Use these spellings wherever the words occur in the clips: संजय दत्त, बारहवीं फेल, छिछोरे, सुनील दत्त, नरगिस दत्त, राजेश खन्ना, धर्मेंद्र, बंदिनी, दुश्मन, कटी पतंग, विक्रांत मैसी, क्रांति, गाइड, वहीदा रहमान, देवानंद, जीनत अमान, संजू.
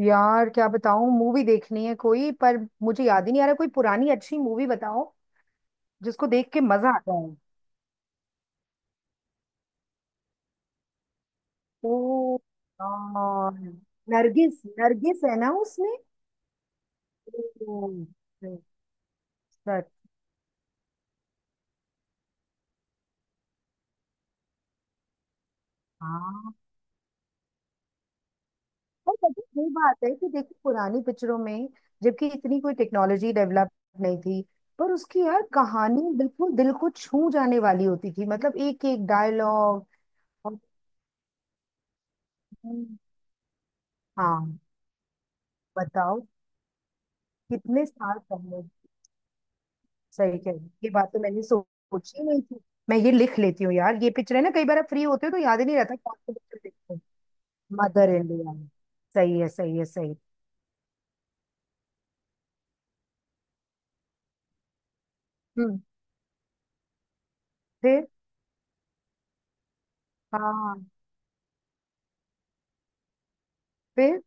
यार क्या बताऊं, मूवी देखनी है कोई। पर मुझे याद ही नहीं आ रहा, कोई पुरानी अच्छी मूवी बताओ जिसको देख के मजा आता है। ओ। हाँ, नरगिस। नरगिस है ना उसमें। ओ, सच। हाँ, पर पता है, ये बात है कि देखो पुरानी पिक्चरों में, जबकि इतनी कोई टेक्नोलॉजी डेवलप नहीं थी, पर उसकी यार कहानी बिल्कुल दिल को छू जाने वाली होती थी। मतलब एक एक डायलॉग। और। हाँ। बताओ। कितने साल पहले। सही कह रही हो। ये बात तो मैंने सोची नहीं थी। मैं ये लिख लेती हूँ यार, ये पिक्चर है ना, कई बार आप फ्री होते हो तो याद ही नहीं रहता कौन सी पिक्चर देखते हो। Mother in law. सही है, सही है, सही। हम्म। फिर। हाँ। फिर।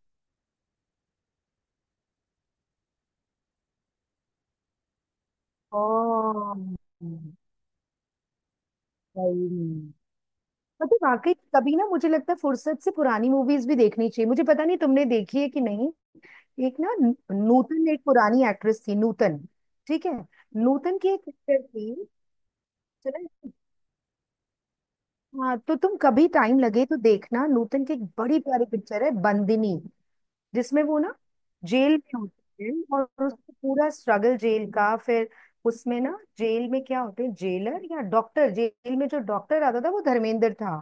ओ। सही में। मतलब वाकई कभी ना मुझे लगता है फुर्सत से पुरानी मूवीज भी देखनी चाहिए। मुझे पता नहीं तुमने देखी है कि नहीं। एक ना नूतन, एक पुरानी एक्ट्रेस थी नूतन। ठीक है। नूतन की एक पिक्चर थी, सुना है? हाँ, तो तुम कभी टाइम लगे तो देखना, नूतन की एक बड़ी प्यारी पिक्चर है बंदिनी। जिसमें वो ना जेल में होती है, और उसका पूरा स्ट्रगल जेल का। फिर उसमें ना जेल में क्या होते हैं जेलर या डॉक्टर, जेल में जो डॉक्टर आता था वो धर्मेंद्र था।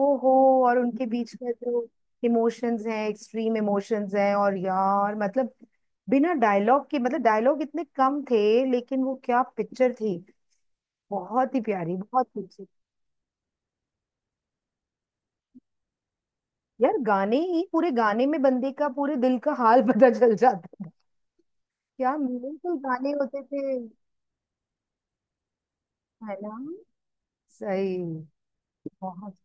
ओ हो। और उनके बीच में जो इमोशंस हैं, एक्सट्रीम इमोशंस हैं, और यार मतलब बिना डायलॉग के, मतलब डायलॉग इतने कम थे, लेकिन वो क्या पिक्चर थी। बहुत ही प्यारी, बहुत ही। यार गाने ही, पूरे गाने में बंदे का पूरे दिल का हाल पता चल जाता था। क्या मीनिंगफुल गाने होते थे, है ना। सही। बहुत।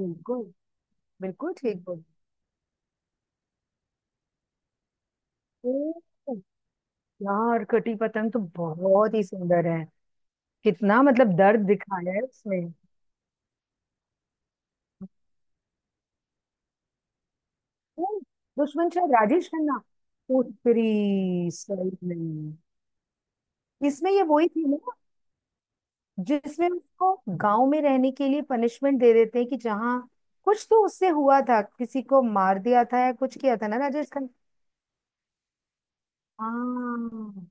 बिल्कुल। बिल्कुल ठीक बोल। ओ, यार कटी पतंग तो बहुत ही सुंदर है। कितना मतलब दर्द दिखाया है उसमें। ओ, दुश्मन शायद राजेश खन्ना। ओ तेरी। सही में। इसमें ये वही थी ना जिसमें उसको गांव में रहने के लिए पनिशमेंट दे देते हैं कि जहाँ कुछ तो उससे हुआ था, किसी को मार दिया था या कुछ किया था ना राजेश खन्ना। हाँ।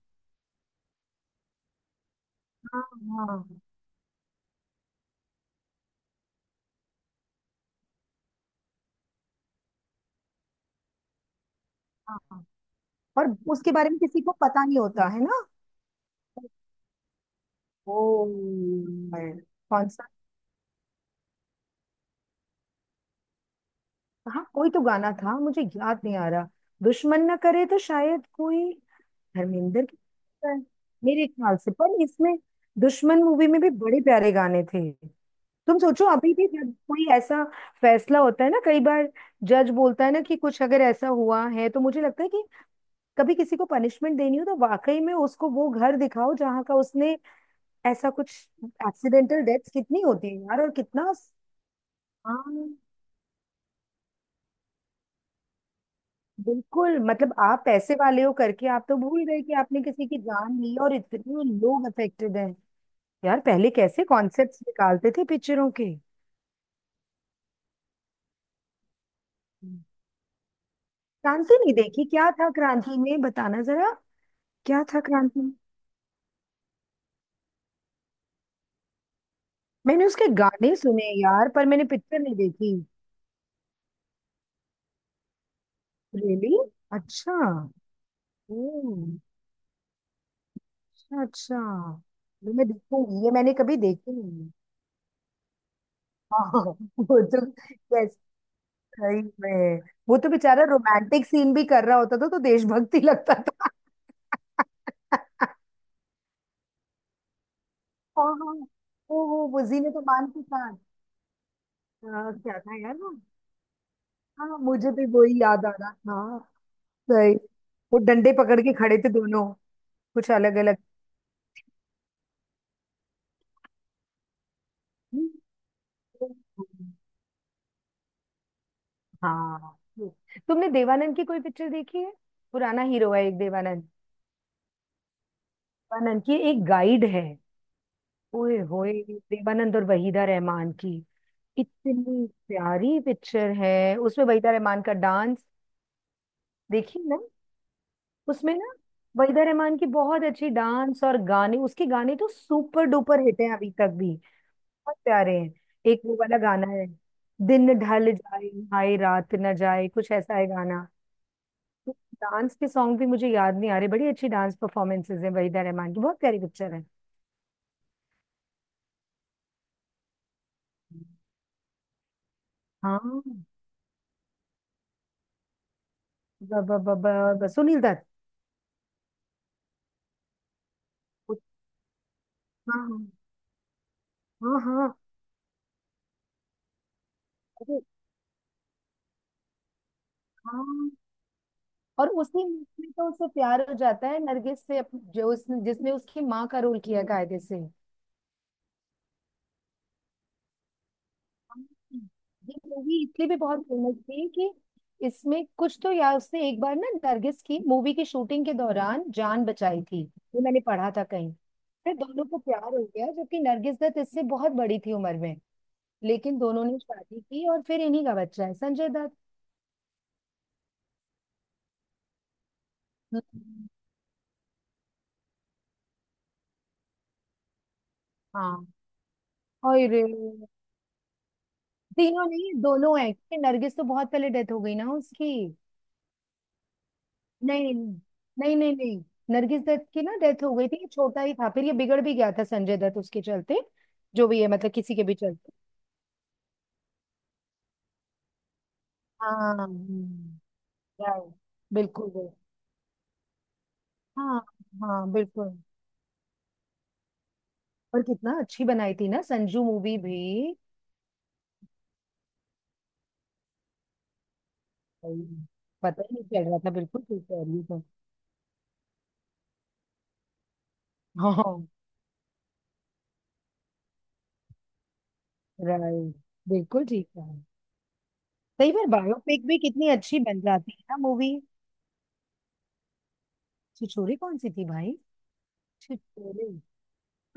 हाँ। हाँ। हाँ। और उसके बारे में किसी को पता नहीं होता है ना। ओ। है। कौन सा। हाँ, कोई तो गाना था, मुझे याद नहीं आ रहा। दुश्मन न करे, तो शायद कोई धर्मेंद्र की है, मेरे ख्याल से। पर इसमें, दुश्मन मूवी में भी बड़े प्यारे गाने थे। तुम सोचो, अभी भी जब कोई ऐसा फैसला होता है ना कई बार, जज बोलता है ना कि कुछ अगर ऐसा हुआ है, तो मुझे लगता है कि कभी किसी को पनिशमेंट देनी हो तो वाकई में उसको वो घर दिखाओ जहाँ का उसने ऐसा कुछ। एक्सीडेंटल डेथ कितनी होती है यार, और कितना। हाँ। बिल्कुल। मतलब आप पैसे वाले हो करके आप तो भूल गए कि आपने किसी की जान ली, और इतने लोग अफेक्टेड हैं। यार, पहले कैसे कॉन्सेप्ट्स निकालते थे पिक्चरों के। क्रांति नहीं देखी, क्या था क्रांति में, बताना जरा। क्या था क्रांति। मैंने उसके गाने सुने यार, पर मैंने पिक्चर नहीं देखी। रियली। अच्छा। ओ। अच्छा अच्छा। ये मैं देखूंगी, ये मैंने कभी देखी नहीं। हाँ। वो। तो। Yes। सही में। वो तो बेचारा रोमांटिक सीन भी कर रहा होता था तो देशभक्ति लगता था। हाँ। हाँ। ओ हो, वो जीनत अमान के साथ। आ, क्या था यार वो। हाँ, मुझे भी वही याद आ रहा था, हाँ। सही। वो डंडे पकड़ के खड़े थे दोनों। कुछ अलग। अलग। हाँ। तुमने देवानंद की कोई पिक्चर देखी है? पुराना हीरो है एक, देवानंद। देवानंद की एक गाइड है। ओए होए। देवानंद और वहीदा रहमान की, इतनी प्यारी पिक्चर है, उसमें वहीदा रहमान का डांस। देखी ना। उसमें ना वहीदा रहमान की बहुत अच्छी डांस, और गाने, उसके गाने तो सुपर डुपर हिट हैं अभी तक भी। बहुत प्यारे हैं। एक वो वाला गाना है, दिन ढल जाए, हाय रात न जाए, कुछ ऐसा है गाना। डांस के सॉन्ग भी मुझे याद नहीं आ रहे। बड़ी अच्छी डांस परफॉर्मेंसेज है वहीदा रहमान की, बहुत प्यारी पिक्चर है। हाँ, बाबा बाबा, और बस सुनील दत्त। उस-। हाँ हाँ हाँ। अरे, हाँ। और उसी मूवी में तो उससे प्यार हो जाता है नरगिस से, जो उसने, जिसने उसकी माँ का रोल किया कायदे से। ये मूवी इसलिए भी बहुत फेमस थी कि इसमें कुछ तो यार, उसने एक बार ना नरगिस की मूवी की शूटिंग के दौरान जान बचाई थी। ये मैंने पढ़ा था कहीं। फिर दोनों को प्यार हो गया, जबकि नरगिस दत्त इससे बहुत बड़ी थी उम्र में। लेकिन दोनों ने शादी की, और फिर इन्हीं का बच्चा है संजय दत्त। हम्म। हाँ। और तीनों नहीं, दोनों हैं, क्योंकि नरगिस तो बहुत पहले डेथ हो गई ना उसकी। नहीं नहीं नहीं नहीं। नरगिस दत्त की ना डेथ हो गई थी, छोटा ही था, फिर ये बिगड़ भी गया था संजय दत्त उसके चलते। जो भी है, मतलब किसी के भी चलते। हाँ। Right, बिल्कुल बिल्कुल। हाँ हाँ, बिल्कुल। और कितना अच्छी बनाई थी ना संजू मूवी भी। भाई, पता ही नहीं चल रहा था, बिल्कुल ठीक कह रही तो। हाँ। राइट। बिल्कुल ठीक है। कई बार बायोपिक भी कितनी अच्छी बन जाती है ना मूवी। छिछोरे कौन सी थी भाई। छिछोरे।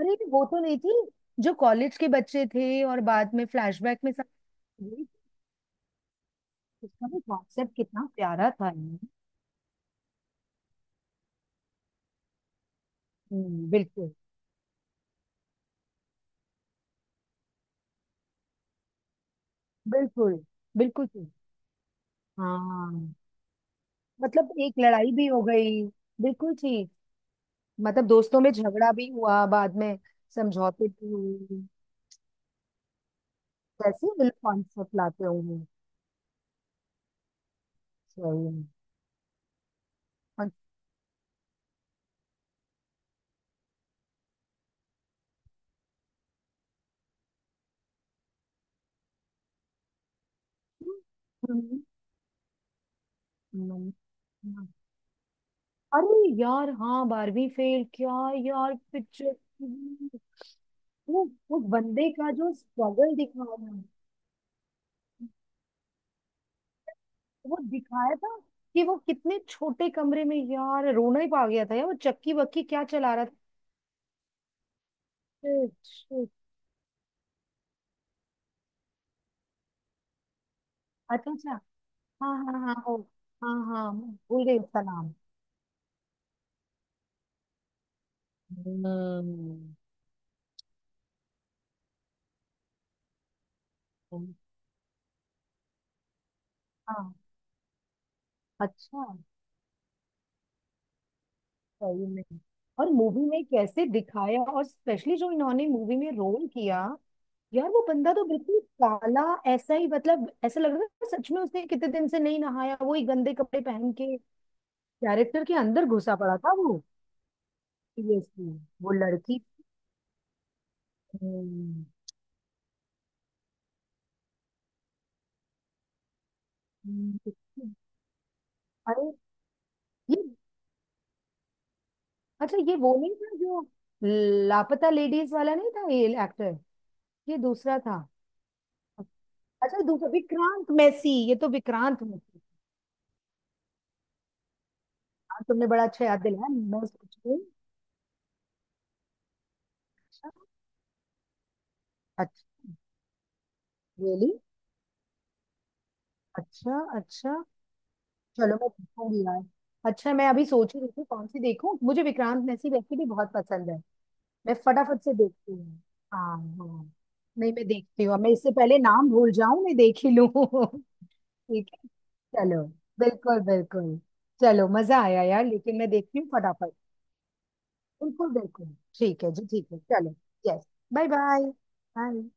अरे, तो वो तो नहीं थी जो कॉलेज के बच्चे थे और बाद में फ्लैशबैक में सब। ये, उसका भी कॉन्सेप्ट कितना प्यारा था यार। बिल्कुल। बिल्कुल। बिल्कुल ठीक। हाँ, मतलब एक लड़ाई भी हो गई। बिल्कुल ठीक। मतलब दोस्तों में झगड़ा भी हुआ बाद में। समझौते भी हुए। कैसे बिल्कुल कॉन्सेप्ट लाते होंगे। सही है। अच्छा, हम्म, हम्म, हम्म। अरे यार, हाँ, बारहवीं फेल, क्या यार पिक्चर। वो वो बंदे का जो स्ट्रगल दिखाया है, वो दिखाया था कि वो कितने छोटे कमरे में, यार रोना ही पा गया था। यार वो चक्की वक्की क्या चला रहा था। शिट। अच्छा अच्छा। हाँ हाँ हाँ हो। हाँ हाँ, मैं भूल गई उसका नाम। हम्म। हाँ। अच्छा, सही में। और मूवी में कैसे दिखाया, और स्पेशली जो इन्होंने मूवी में रोल किया। यार वो बंदा तो बिल्कुल काला, ऐसा ही। मतलब ऐसा लग रहा था सच में उसने कितने दिन से नहीं नहाया, वही गंदे कपड़े पहन के, कैरेक्टर के अंदर घुसा पड़ा था वो। सीरियसली। वो लड़की। हम्म, हम्म, अरे, ये अच्छा, ये वो नहीं था जो लापता लेडीज वाला? नहीं था ये एक्टर। ये दूसरा था। अच्छा, दूसरा, विक्रांत मैसी, ये तो विक्रांत मैसी। हाँ, तुमने बड़ा अच्छा याद दिलाया, मैं सोच रही। अच्छा। रियली। अच्छा really? अच्छा अच्छा। चलो मैं देखूंगी यार। अच्छा, मैं अभी सोच ही रही थी कौन सी देखूं, मुझे विक्रांत मैसी वैसे भी बहुत पसंद है। मैं फटाफट से देखती हूँ। हाँ हाँ। नहीं, मैं देखती हूँ, अब मैं इससे पहले नाम भूल जाऊं, मैं देख ही लूं ठीक है। चलो। बिल्कुल बिल्कुल। चलो, मजा आया यार, लेकिन मैं देखती हूँ फटाफट। बिल्कुल बिल्कुल। ठीक है जी, ठीक है, चलो। यस। Bye bye. बाय।